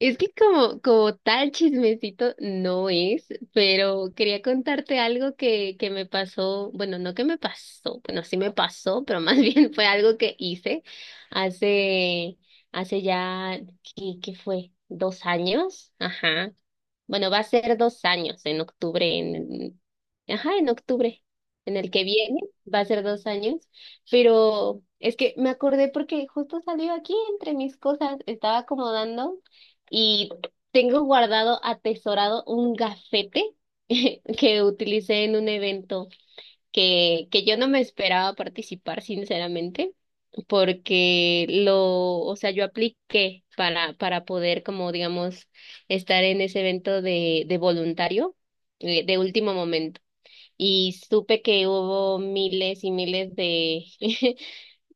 Es que como tal chismecito no es, pero quería contarte algo que me pasó, bueno, no que me pasó, bueno, sí me pasó, pero más bien fue algo que hice hace, hace ya, ¿qué fue? ¿2 años? Ajá. Bueno, va a ser 2 años en octubre, ajá, en octubre, en el que viene, va a ser dos años, pero es que me acordé porque justo salió aquí entre mis cosas, estaba acomodando y tengo guardado, atesorado un gafete que utilicé en un evento que yo no me esperaba participar, sinceramente porque o sea, yo apliqué para poder, como digamos, estar en ese evento de voluntario de último momento. Y supe que hubo miles y miles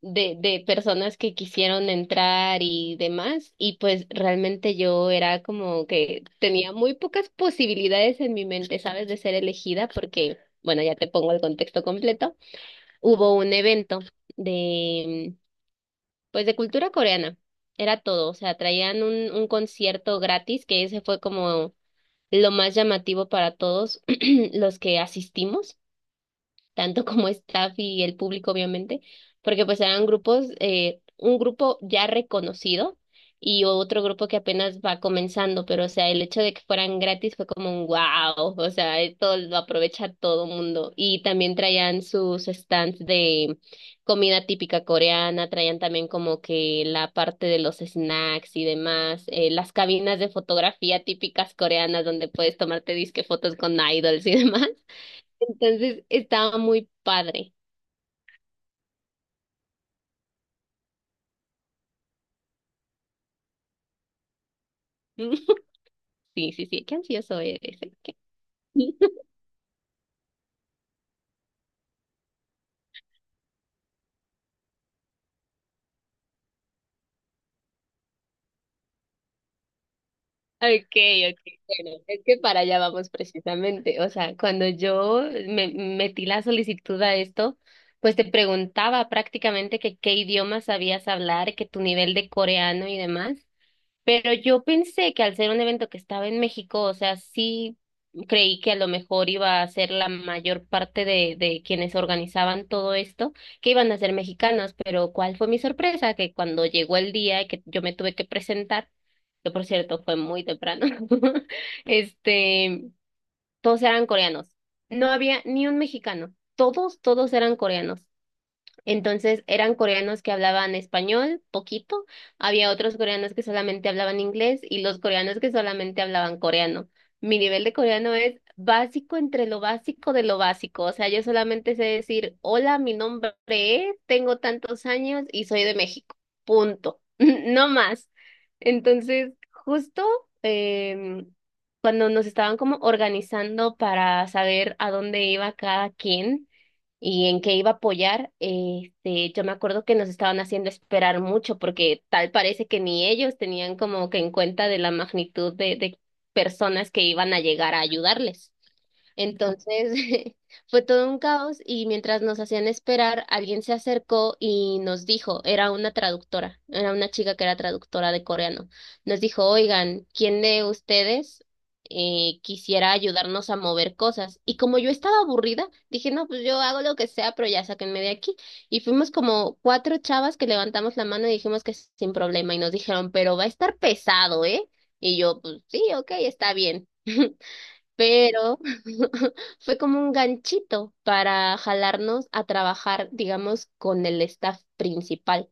de personas que quisieron entrar y demás. Y pues realmente yo era como que tenía muy pocas posibilidades en mi mente, ¿sabes? De ser elegida porque, bueno, ya te pongo el contexto completo. Hubo un evento de, pues de cultura coreana, era todo, o sea, traían un concierto gratis, que ese fue como lo más llamativo para todos los que asistimos tanto como staff y el público, obviamente, porque pues eran grupos, un grupo ya reconocido y otro grupo que apenas va comenzando, pero o sea, el hecho de que fueran gratis fue como un wow, o sea, esto lo aprovecha todo mundo. Y también traían sus stands de comida típica coreana, traían también como que la parte de los snacks y demás, las cabinas de fotografía típicas coreanas donde puedes tomarte disque fotos con idols y demás. Entonces estaba muy padre. Sí, sí, sí, qué ansioso eres. ¿Eh? ¿Qué? Okay, okay, bueno, es que para allá vamos precisamente. O sea, cuando yo me metí la solicitud a esto, pues te preguntaba prácticamente que qué idiomas sabías hablar, que tu nivel de coreano y demás. Pero yo pensé que al ser un evento que estaba en México, o sea, sí creí que a lo mejor iba a ser la mayor parte de quienes organizaban todo esto, que iban a ser mexicanos, pero ¿cuál fue mi sorpresa? Que cuando llegó el día y que yo me tuve que presentar, que por cierto fue muy temprano, este, todos eran coreanos. No había ni un mexicano, todos eran coreanos. Entonces eran coreanos que hablaban español, poquito, había otros coreanos que solamente hablaban inglés y los coreanos que solamente hablaban coreano. Mi nivel de coreano es básico entre lo básico de lo básico, o sea, yo solamente sé decir, hola, mi nombre es, tengo tantos años y soy de México, punto, no más. Entonces, justo em, cuando nos estaban como organizando para saber a dónde iba cada quien, y en qué iba a apoyar, este, yo me acuerdo que nos estaban haciendo esperar mucho porque tal parece que ni ellos tenían como que en cuenta de la magnitud de personas que iban a llegar a ayudarles. Entonces, fue todo un caos y mientras nos hacían esperar, alguien se acercó y nos dijo, era una traductora, era una chica que era traductora de coreano, nos dijo, oigan, ¿quién de ustedes quisiera ayudarnos a mover cosas? Y como yo estaba aburrida, dije, no, pues yo hago lo que sea, pero ya sáquenme de aquí. Y fuimos como cuatro chavas que levantamos la mano y dijimos que sin problema y nos dijeron, pero va a estar pesado, ¿eh? Y yo, pues sí, ok, está bien. Pero fue como un ganchito para jalarnos a trabajar, digamos, con el staff principal.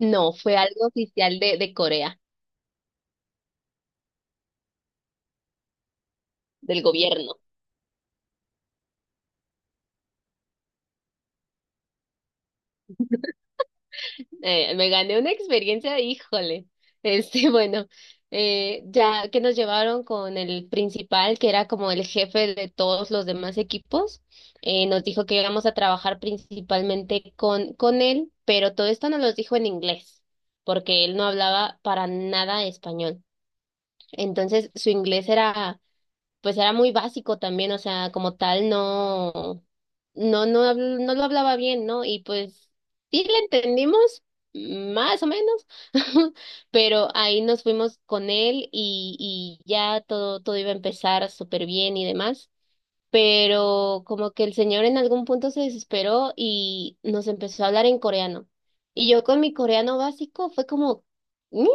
No, fue algo oficial de Corea, del gobierno. Me gané una experiencia, híjole. Este, bueno, ya que nos llevaron con el principal, que era como el jefe de todos los demás equipos, nos dijo que íbamos a trabajar principalmente con él, pero todo esto nos lo dijo en inglés, porque él no hablaba para nada español. Entonces, su inglés era pues era muy básico también, o sea, como tal, no lo hablaba bien, ¿no? Y pues sí le entendimos, mm, más o menos, pero ahí nos fuimos con él y ya todo, todo iba a empezar súper bien y demás. Pero como que el señor en algún punto se desesperó y nos empezó a hablar en coreano. Y yo con mi coreano básico fue como, "Mm",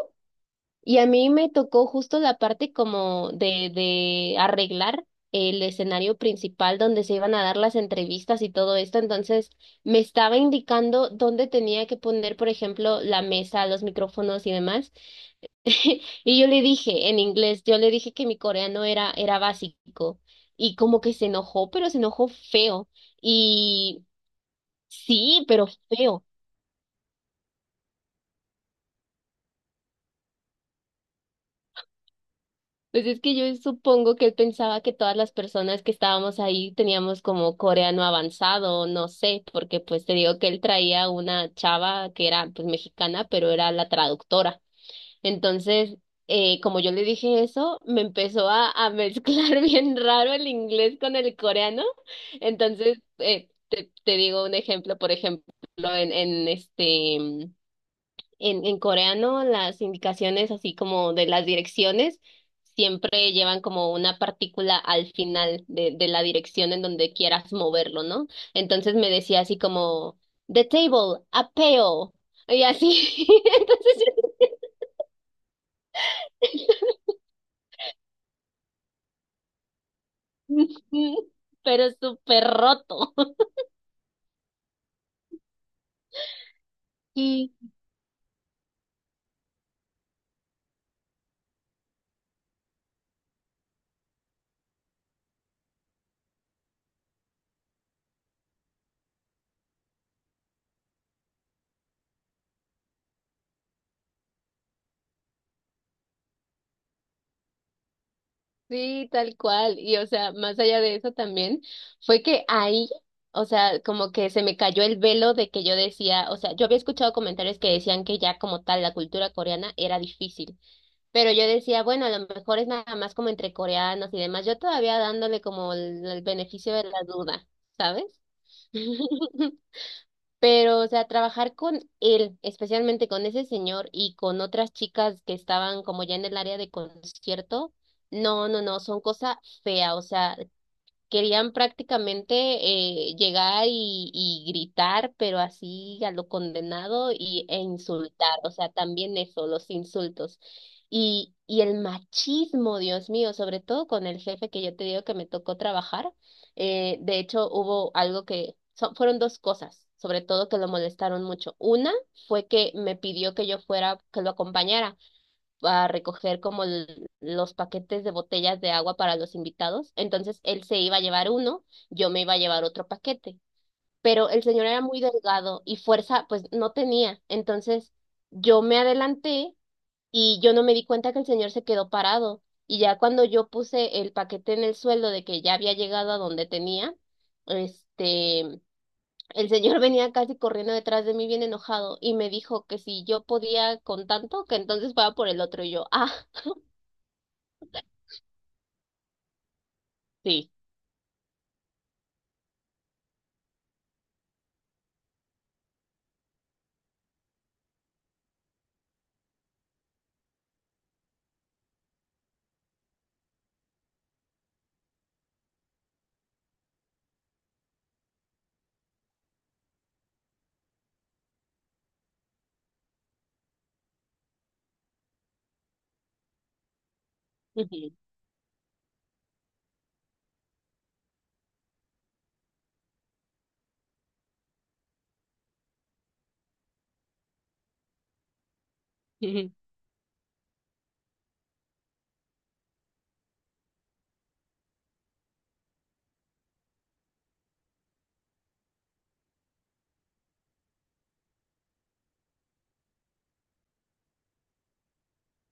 y a mí me tocó justo la parte como de arreglar el escenario principal donde se iban a dar las entrevistas y todo esto. Entonces me estaba indicando dónde tenía que poner, por ejemplo, la mesa, los micrófonos y demás. Y yo le dije en inglés, yo le dije que mi coreano era básico. Y como que se enojó, pero se enojó feo. Y sí, pero feo. Pues es que yo supongo que él pensaba que todas las personas que estábamos ahí teníamos como coreano avanzado, no sé, porque pues te digo que él traía una chava que era pues mexicana, pero era la traductora. Entonces, como yo le dije eso, me empezó a mezclar bien raro el inglés con el coreano. Entonces, te digo un ejemplo, por ejemplo, en, en este... en coreano, las indicaciones, así como de las direcciones, siempre llevan como una partícula al final de la dirección en donde quieras moverlo, ¿no? Entonces me decía así como, "The table, apeo". Y así. Entonces, pero súper roto. Sí, tal cual. Y o sea, más allá de eso también, fue que ahí, o sea, como que se me cayó el velo de que yo decía, o sea, yo había escuchado comentarios que decían que ya como tal la cultura coreana era difícil, pero yo decía, bueno, a lo mejor es nada más como entre coreanos y demás, yo todavía dándole como el beneficio de la duda, ¿sabes? Pero, o sea, trabajar con él, especialmente con ese señor y con otras chicas que estaban como ya en el área de concierto, no, no, no, son cosa fea, o sea, querían prácticamente llegar y gritar, pero así a lo condenado y, e insultar, o sea, también eso, los insultos. Y el machismo, Dios mío, sobre todo con el jefe que yo te digo que me tocó trabajar. De hecho, hubo algo que fueron dos cosas, sobre todo que lo molestaron mucho. Una fue que me pidió que yo fuera, que lo acompañara a recoger como l- los paquetes de botellas de agua para los invitados. Entonces él se iba a llevar uno, yo me iba a llevar otro paquete. Pero el señor era muy delgado y fuerza pues no tenía. Entonces yo me adelanté y yo no me di cuenta que el señor se quedó parado. Y ya cuando yo puse el paquete en el suelo de que ya había llegado a donde tenía, este, el señor venía casi corriendo detrás de mí bien enojado y me dijo que si yo podía con tanto, que entonces fuera por el otro y yo, ah. Sí. Ujú.